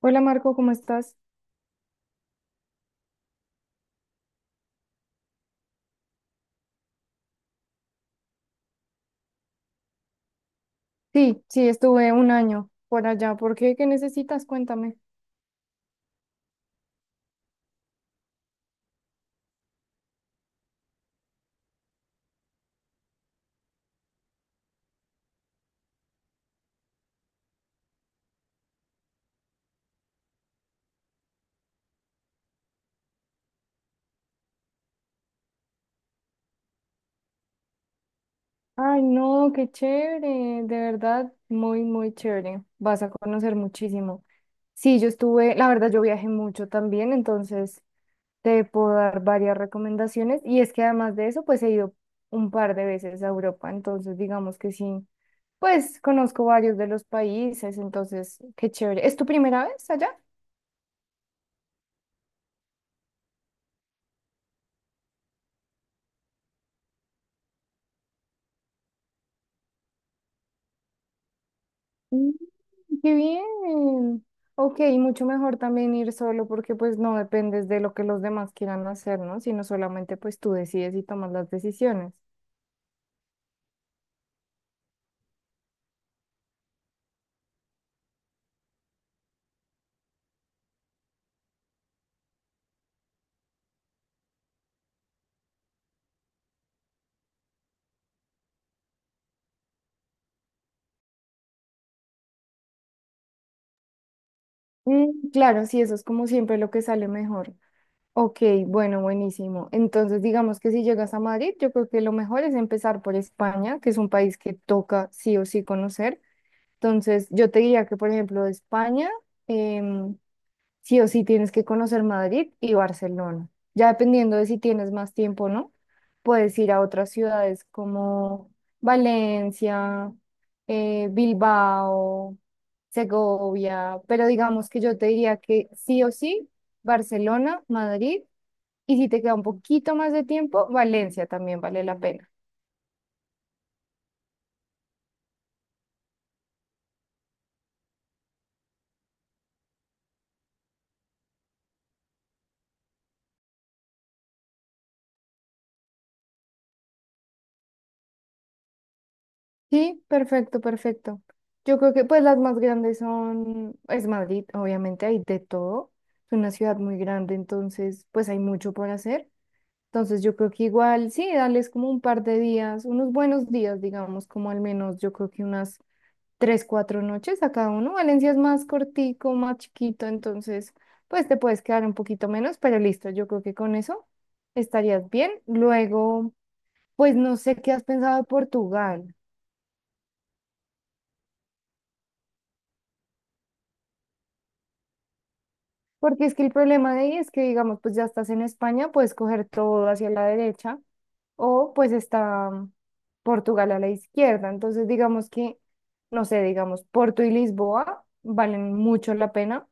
Hola Marco, ¿cómo estás? Sí, sí, estuve un año por allá. ¿Por qué? ¿Qué necesitas? Cuéntame. Ay, no, qué chévere, de verdad, muy, muy chévere. Vas a conocer muchísimo. Sí, yo estuve, la verdad, yo viajé mucho también, entonces te puedo dar varias recomendaciones. Y es que además de eso, pues he ido un par de veces a Europa, entonces digamos que sí, pues conozco varios de los países, entonces, qué chévere. ¿Es tu primera vez allá? Qué bien. Ok, mucho mejor también ir solo porque pues no dependes de lo que los demás quieran hacer, ¿no? Sino solamente pues tú decides y tomas las decisiones. Mm, claro, sí, eso es como siempre lo que sale mejor. Ok, bueno, buenísimo. Entonces, digamos que si llegas a Madrid, yo creo que lo mejor es empezar por España, que es un país que toca sí o sí conocer. Entonces, yo te diría que, por ejemplo, España, em, sí o sí tienes que conocer Madrid y Barcelona. Ya dependiendo de si tienes más tiempo o no, puedes ir a otras ciudades como Valencia, Bilbao, Segovia, pero digamos que yo te diría que sí o sí, Barcelona, Madrid, y si te queda un poquito más de tiempo, Valencia también vale la pena. Sí, perfecto, perfecto. Yo creo que pues las más grandes son, es Madrid, obviamente hay de todo. Es una ciudad muy grande, entonces pues hay mucho por hacer. Entonces yo creo que igual, sí, darles como un par de días, unos buenos días, digamos, como al menos yo creo que unas 3, 4 noches a cada uno. Valencia es más cortico, más chiquito, entonces pues te puedes quedar un poquito menos, pero listo, yo creo que con eso estarías bien. Luego, pues no sé qué has pensado de Portugal. Porque es que el problema de ahí es que, digamos, pues ya estás en España, puedes coger todo hacia la derecha o pues está Portugal a la izquierda. Entonces, digamos que, no sé, digamos, Porto y Lisboa valen mucho la pena,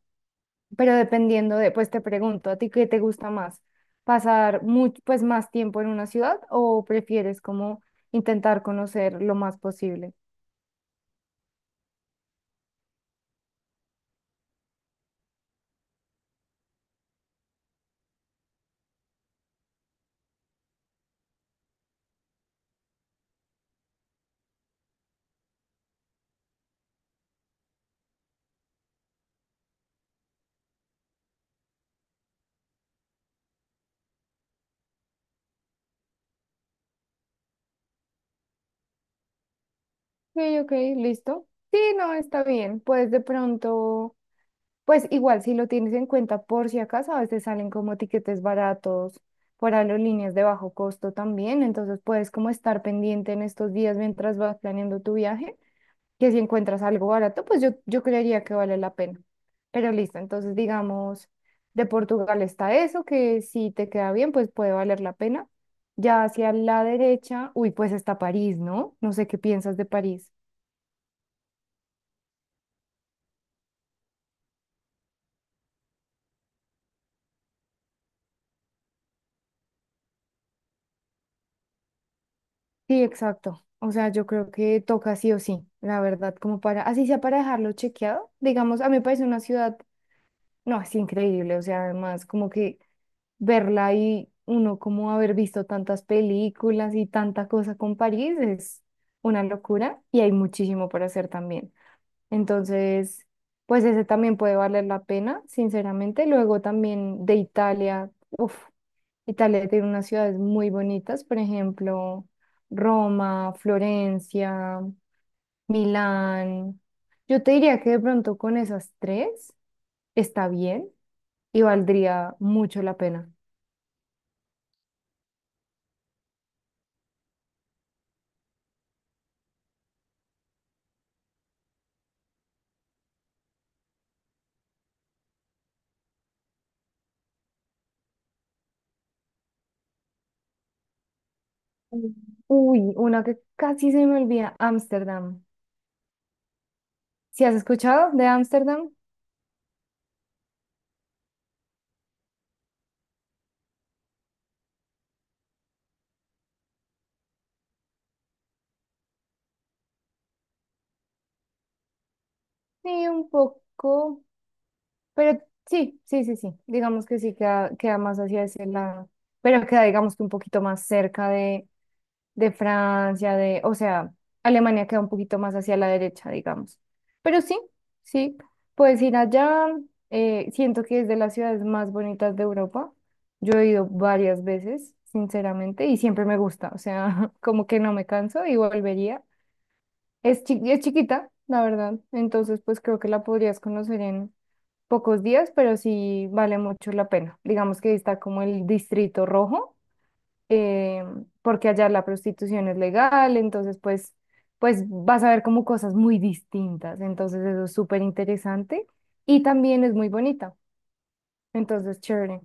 pero dependiendo de, pues te pregunto, ¿a ti qué te gusta más? ¿Pasar mucho, pues más tiempo en una ciudad o prefieres como intentar conocer lo más posible? Ok, ok, listo. Sí, no, está bien. Pues de pronto. Pues igual, si lo tienes en cuenta por si acaso, a veces salen como tiquetes baratos por aerolíneas de bajo costo también, entonces puedes como estar pendiente en estos días mientras vas planeando tu viaje, que si encuentras algo barato, pues yo creería que vale la pena. Pero listo, entonces digamos, de Portugal está eso, que si te queda bien, pues puede valer la pena. Ya hacia la derecha, uy, pues está París, ¿no? No sé qué piensas de París. Sí, exacto. O sea, yo creo que toca sí o sí, la verdad, como para, así sea para dejarlo chequeado. Digamos, a mí me parece una ciudad, no, es increíble. O sea, además, como que verla y uno como haber visto tantas películas y tanta cosa con París es una locura y hay muchísimo por hacer también. Entonces, pues ese también puede valer la pena, sinceramente. Luego también de Italia, uff. Italia tiene unas ciudades muy bonitas, por ejemplo, Roma, Florencia, Milán. Yo te diría que de pronto con esas tres está bien y valdría mucho la pena. Mm. Uy, una que casi se me olvida, Ámsterdam. ¿Si has escuchado de Ámsterdam? Sí, un poco, pero sí, sí, sí, sí. Digamos que sí queda más hacia ese lado, pero queda digamos que un poquito más cerca de Francia, de, o sea, Alemania queda un poquito más hacia la derecha, digamos. Pero sí, sí, puedes ir allá. Siento que es de las ciudades más bonitas de Europa. Yo he ido varias veces, sinceramente, y siempre me gusta, o sea, como que no me canso y volvería. Es chiquita, la verdad, entonces pues creo que la podrías conocer en pocos días, pero sí vale mucho la pena. Digamos que está como el distrito rojo eh, porque allá la prostitución es legal, entonces pues vas a ver como cosas muy distintas, entonces eso es súper interesante y también es muy bonita, entonces chévere.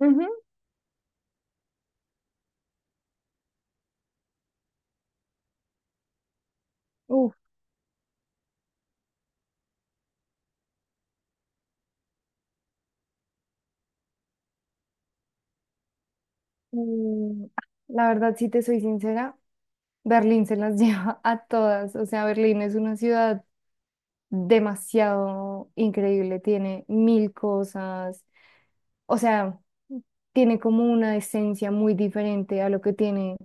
Ujú. Uf, mm, la verdad, si te soy sincera, Berlín se las lleva a todas, o sea, Berlín es una ciudad demasiado increíble, tiene mil cosas, o sea, tiene como una esencia muy diferente a lo que tiene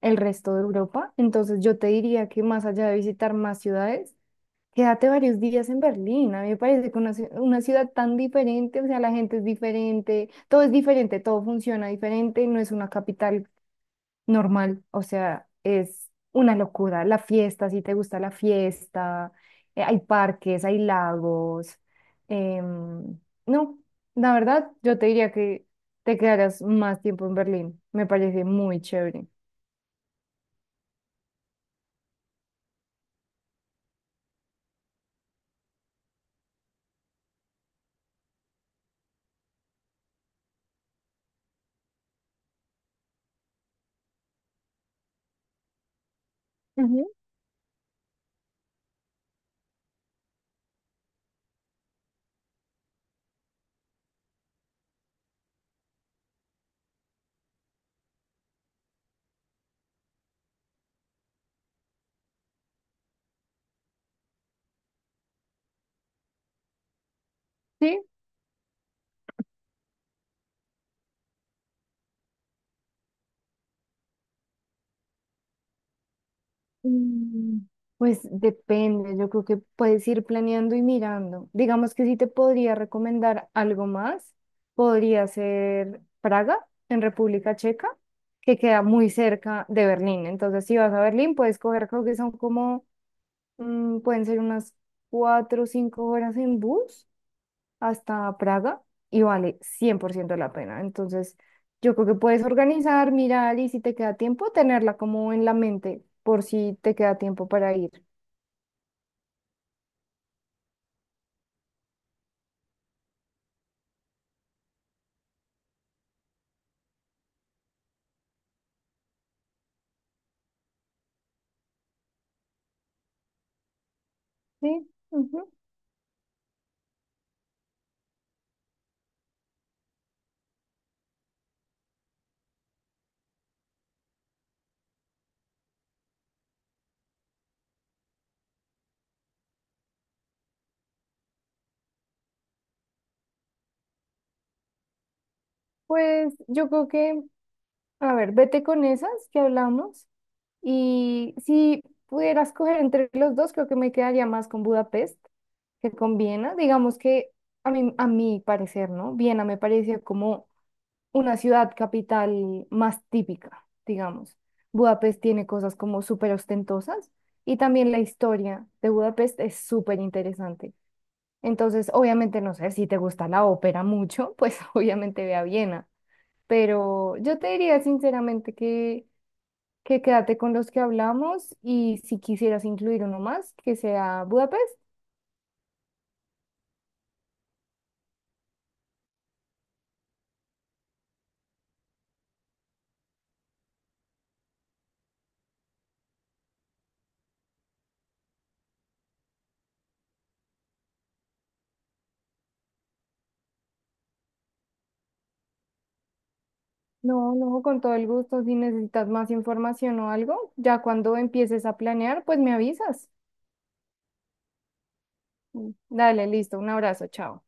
el resto de Europa. Entonces yo te diría que más allá de visitar más ciudades, quédate varios días en Berlín. A mí me parece que una ciudad tan diferente, o sea, la gente es diferente, todo funciona diferente, no es una capital normal, o sea, es una locura. La fiesta, si te gusta la fiesta, hay parques, hay lagos. em, no, la verdad, yo te diría que te quedaras más tiempo en Berlín. Me parece muy chévere. Ujú. Sí, Mm, Pues depende, yo creo que puedes ir planeando y mirando. Digamos que si te podría recomendar algo más, podría ser Praga, en República Checa, que queda muy cerca de Berlín. Entonces, si vas a Berlín, puedes coger, creo que son como, pueden ser unas 4 o 5 horas en bus hasta Praga y vale 100% la pena. Entonces, yo creo que puedes organizar, mirar y si te queda tiempo, tenerla como en la mente por si te queda tiempo para ir. Sí, ujú. Pues yo creo que, a ver, vete con esas que hablamos y si pudieras coger entre los dos, creo que me quedaría más con Budapest que con Viena. Digamos que a mí, a mi parecer, ¿no? Viena me pareció como una ciudad capital más típica, digamos. Budapest tiene cosas como súper ostentosas y también la historia de Budapest es súper interesante. Entonces, obviamente, no sé, si te gusta la ópera mucho, pues obviamente ve a Viena, pero yo te diría sinceramente que, quédate con los que hablamos y si quisieras incluir uno más, que sea Budapest. No, no, con todo el gusto. Si necesitas más información o algo, ya cuando empieces a planear, pues me avisas. Dale, listo. Un abrazo, chao.